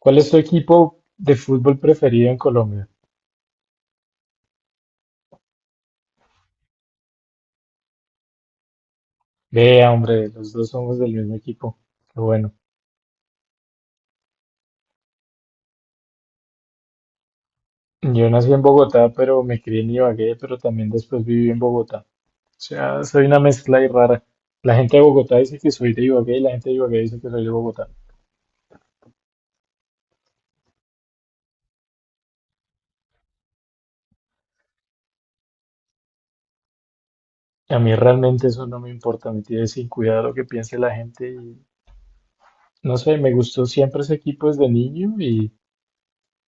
¿Cuál es tu equipo de fútbol preferido en Colombia? Vea, hombre, los dos somos del mismo equipo. Qué bueno. Yo nací en Bogotá, pero me crié en Ibagué, pero también después viví en Bogotá. O sea, soy una mezcla ahí rara. La gente de Bogotá dice que soy de Ibagué y la gente de Ibagué dice que soy de Bogotá. A mí realmente eso no me importa, me tiene sin cuidado lo que piense la gente y no sé, me gustó siempre ese equipo desde niño y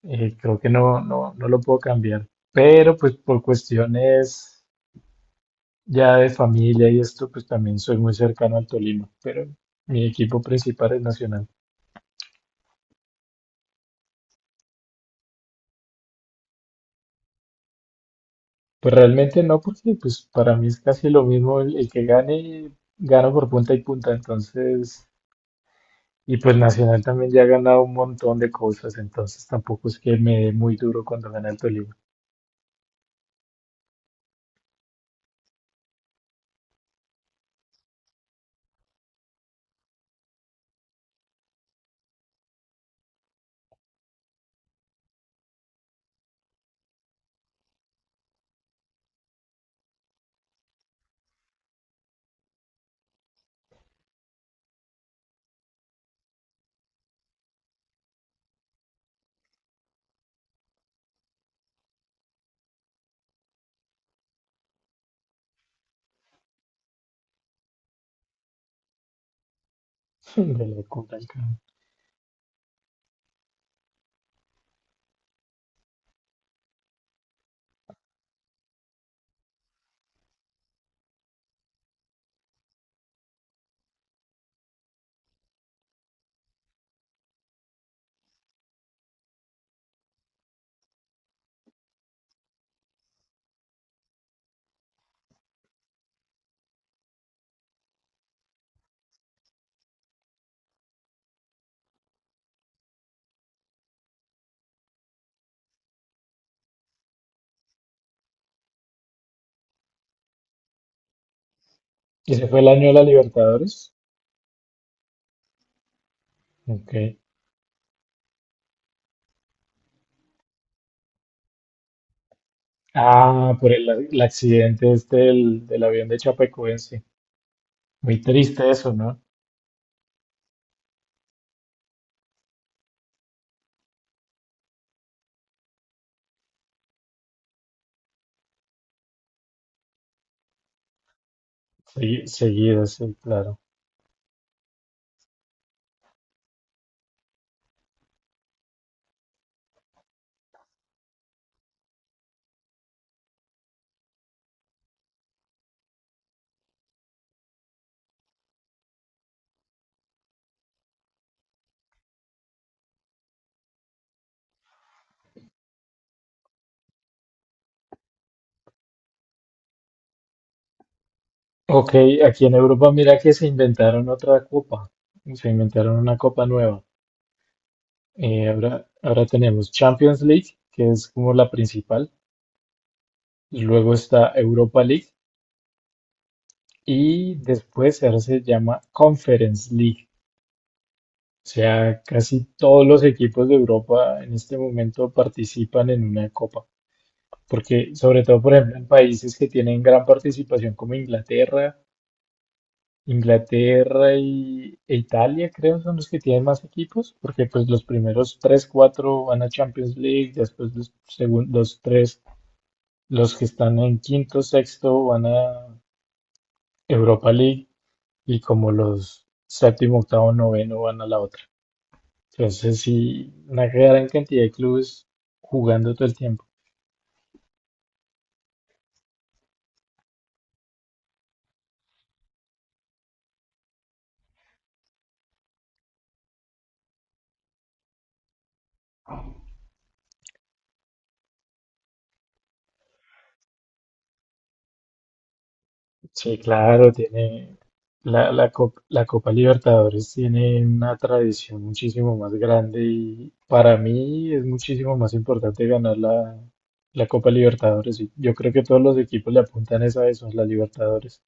creo que no lo puedo cambiar. Pero pues por cuestiones ya de familia y esto, pues también soy muy cercano al Tolima, pero mi equipo principal es Nacional. Pues realmente no, porque pues para mí es casi lo mismo el que gane, gano por punta y punta, entonces, y pues Nacional también ya ha ganado un montón de cosas, entonces tampoco es que me dé muy duro cuando gana el Tolima. De la Copa del Cabo. Ese fue el año de la Libertadores. Ok. Ah, por el accidente este del avión de Chapecoense. Muy triste eso, ¿no? Sí, seguido, sí, claro. Ok, aquí en Europa mira que se inventaron otra copa, se inventaron una copa nueva. Ahora tenemos Champions League, que es como la principal, luego está Europa League y después ahora se llama Conference League. O sea, casi todos los equipos de Europa en este momento participan en una copa, porque sobre todo, por ejemplo, en países que tienen gran participación como Inglaterra e Italia creo son los que tienen más equipos, porque pues los primeros tres, cuatro van a Champions League, después los segundos tres, los que están en quinto, sexto van a Europa League y como los séptimo, octavo, noveno van a la otra. Entonces sí, una gran cantidad de clubes jugando todo el tiempo. Sí, claro, tiene la Copa Libertadores tiene una tradición muchísimo más grande y para mí es muchísimo más importante ganar la Copa Libertadores. Y yo creo que todos los equipos le apuntan es a eso, a la Libertadores.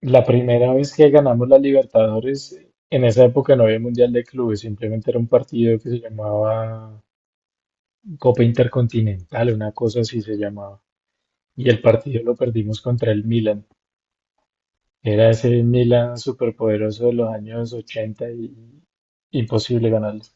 La primera vez que ganamos la Libertadores, en esa época no había Mundial de Clubes, simplemente era un partido que se llamaba Copa Intercontinental, una cosa así se llamaba. Y el partido lo perdimos contra el Milan. Era ese Milan superpoderoso de los años 80 y imposible ganarles.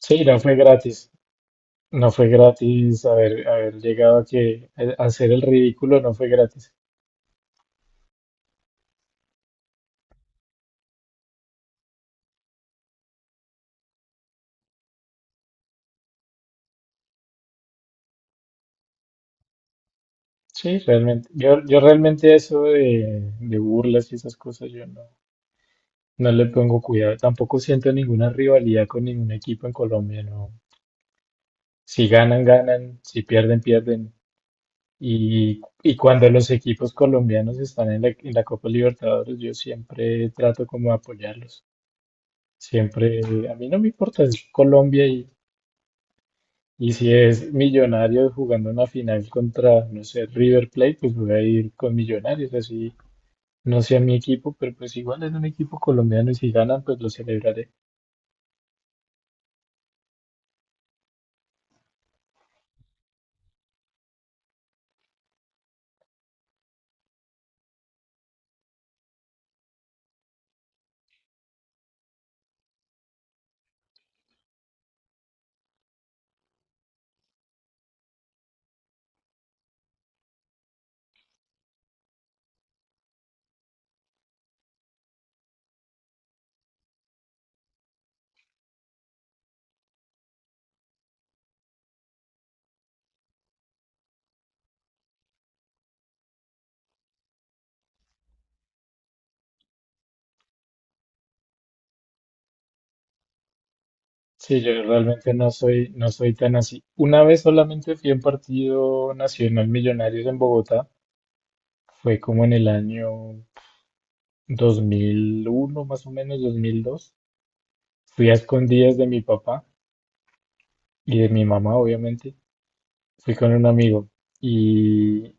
Sí, no fue gratis. No fue gratis haber llegado a que a hacer el ridículo, no fue gratis. Sí, realmente. Yo realmente eso de burlas y esas cosas, yo no, no le pongo cuidado. Tampoco siento ninguna rivalidad con ningún equipo en Colombia, no. Si ganan, ganan. Si pierden, pierden. Y cuando los equipos colombianos están en en la Copa Libertadores, yo siempre trato como de apoyarlos. Siempre, a mí no me importa, si es Colombia y si es Millonarios jugando una final contra, no sé, River Plate, pues voy a ir con Millonarios, así no sea mi equipo, pero pues igual es un equipo colombiano y si ganan, pues lo celebraré. Sí, yo realmente no soy tan así. Una vez solamente fui a un partido nacional Millonarios en Bogotá, fue como en el año 2001, más o menos, 2002. Fui a escondidas de mi papá y de mi mamá, obviamente. Fui con un amigo y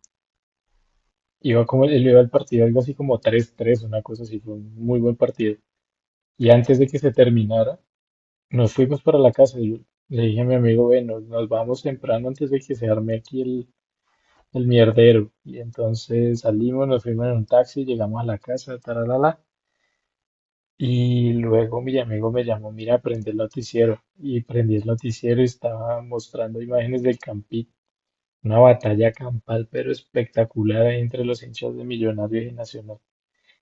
iba como, él iba al partido, algo así como tres tres, una cosa así, fue un muy buen partido. Y antes de que se terminara, nos fuimos para la casa. Y yo le dije a mi amigo, bueno, nos vamos temprano antes de que se arme aquí el mierdero. Y entonces salimos, nos fuimos en un taxi, llegamos a la casa, taralala. Y luego mi amigo me llamó, mira, prende el noticiero. Y prendí el noticiero y estaba mostrando imágenes del Campín, una batalla campal, pero espectacular ahí entre los hinchas de Millonarios y Nacional.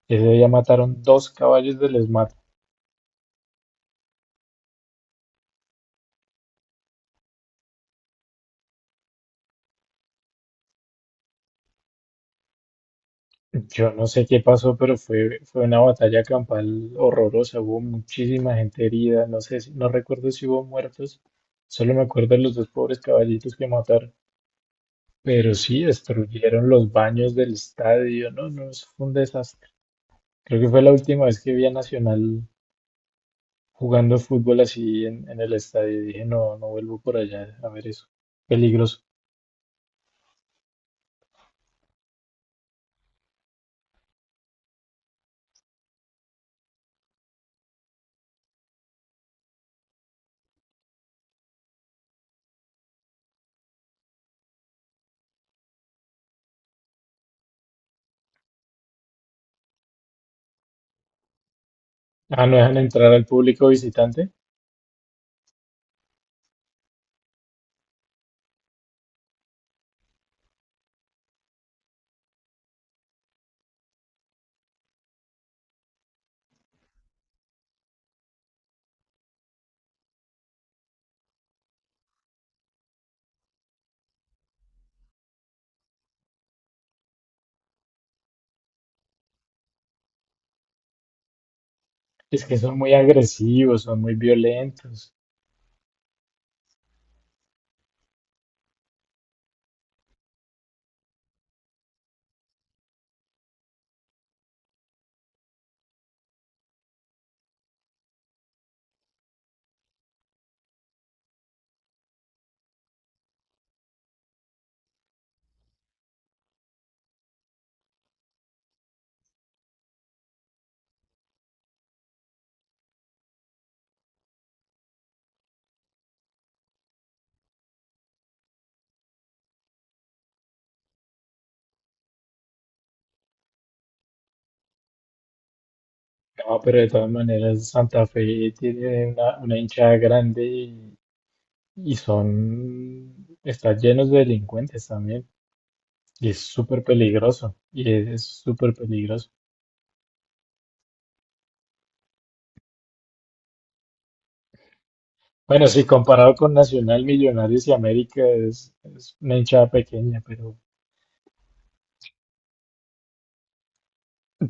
Ese día mataron dos caballos del ESMAD. Yo no sé qué pasó, pero fue una batalla campal horrorosa. Hubo muchísima gente herida, no sé, no recuerdo si hubo muertos. Solo me acuerdo de los dos pobres caballitos que mataron. Pero sí, destruyeron los baños del estadio. No, no, eso fue un desastre. Creo que fue la última vez que vi a Nacional jugando fútbol así en el estadio. Dije, no, no vuelvo por allá a ver eso. Peligroso. Ah, no dejan entrar al público visitante. Es que son muy agresivos, son muy violentos. No, pero de todas maneras, Santa Fe tiene una hinchada grande y son, están llenos de delincuentes también. Y es súper peligroso. Y es súper peligroso. Bueno, sí, comparado con Nacional, Millonarios y América es una hinchada pequeña, pero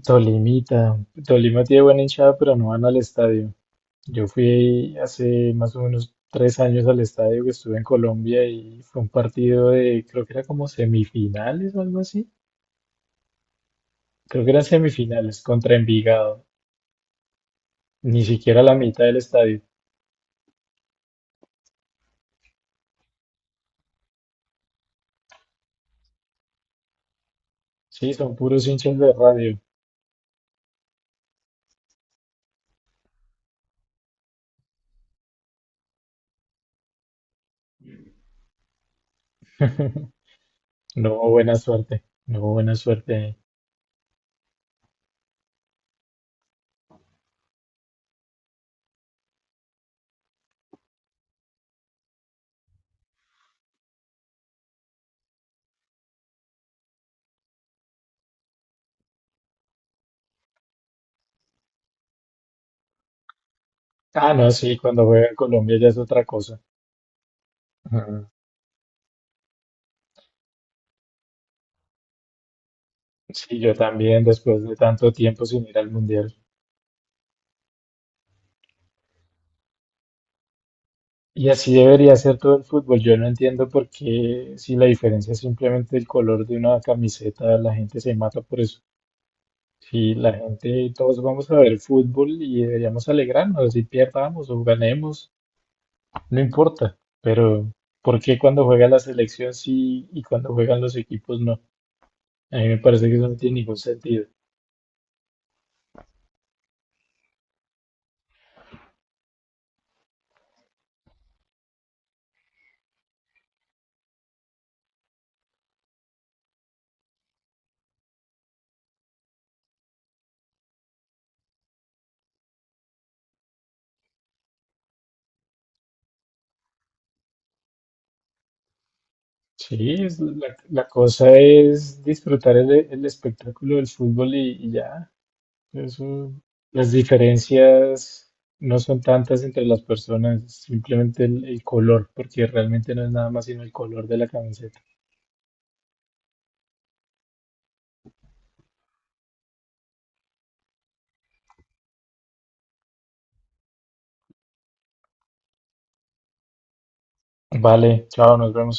Tolimita, Tolima tiene buena hinchada, pero no van al estadio. Yo fui hace más o menos tres años al estadio que estuve en Colombia y fue un partido de, creo que era como semifinales o algo así. Creo que eran semifinales contra Envigado, ni siquiera la mitad del estadio. Sí, son puros hinchas de radio. No hubo buena suerte, no hubo buena suerte. Ah, no, sí, cuando juega en Colombia ya es otra cosa. Ujú. Sí, yo también, después de tanto tiempo sin ir al mundial. Y así debería ser todo el fútbol. Yo no entiendo por qué, si la diferencia es simplemente el color de una camiseta, la gente se mata por eso. Si la gente, todos vamos a ver fútbol y deberíamos alegrarnos, si pierdamos o ganemos, no importa. Pero, ¿por qué cuando juega la selección sí y cuando juegan los equipos no? A mí me parece que eso no tiene ningún sentido. Sí, es la cosa es disfrutar el espectáculo del fútbol y ya. Eso, las diferencias no son tantas entre las personas, es simplemente el color, porque realmente no es nada más sino el color de la camiseta. Vale, chao, nos vemos.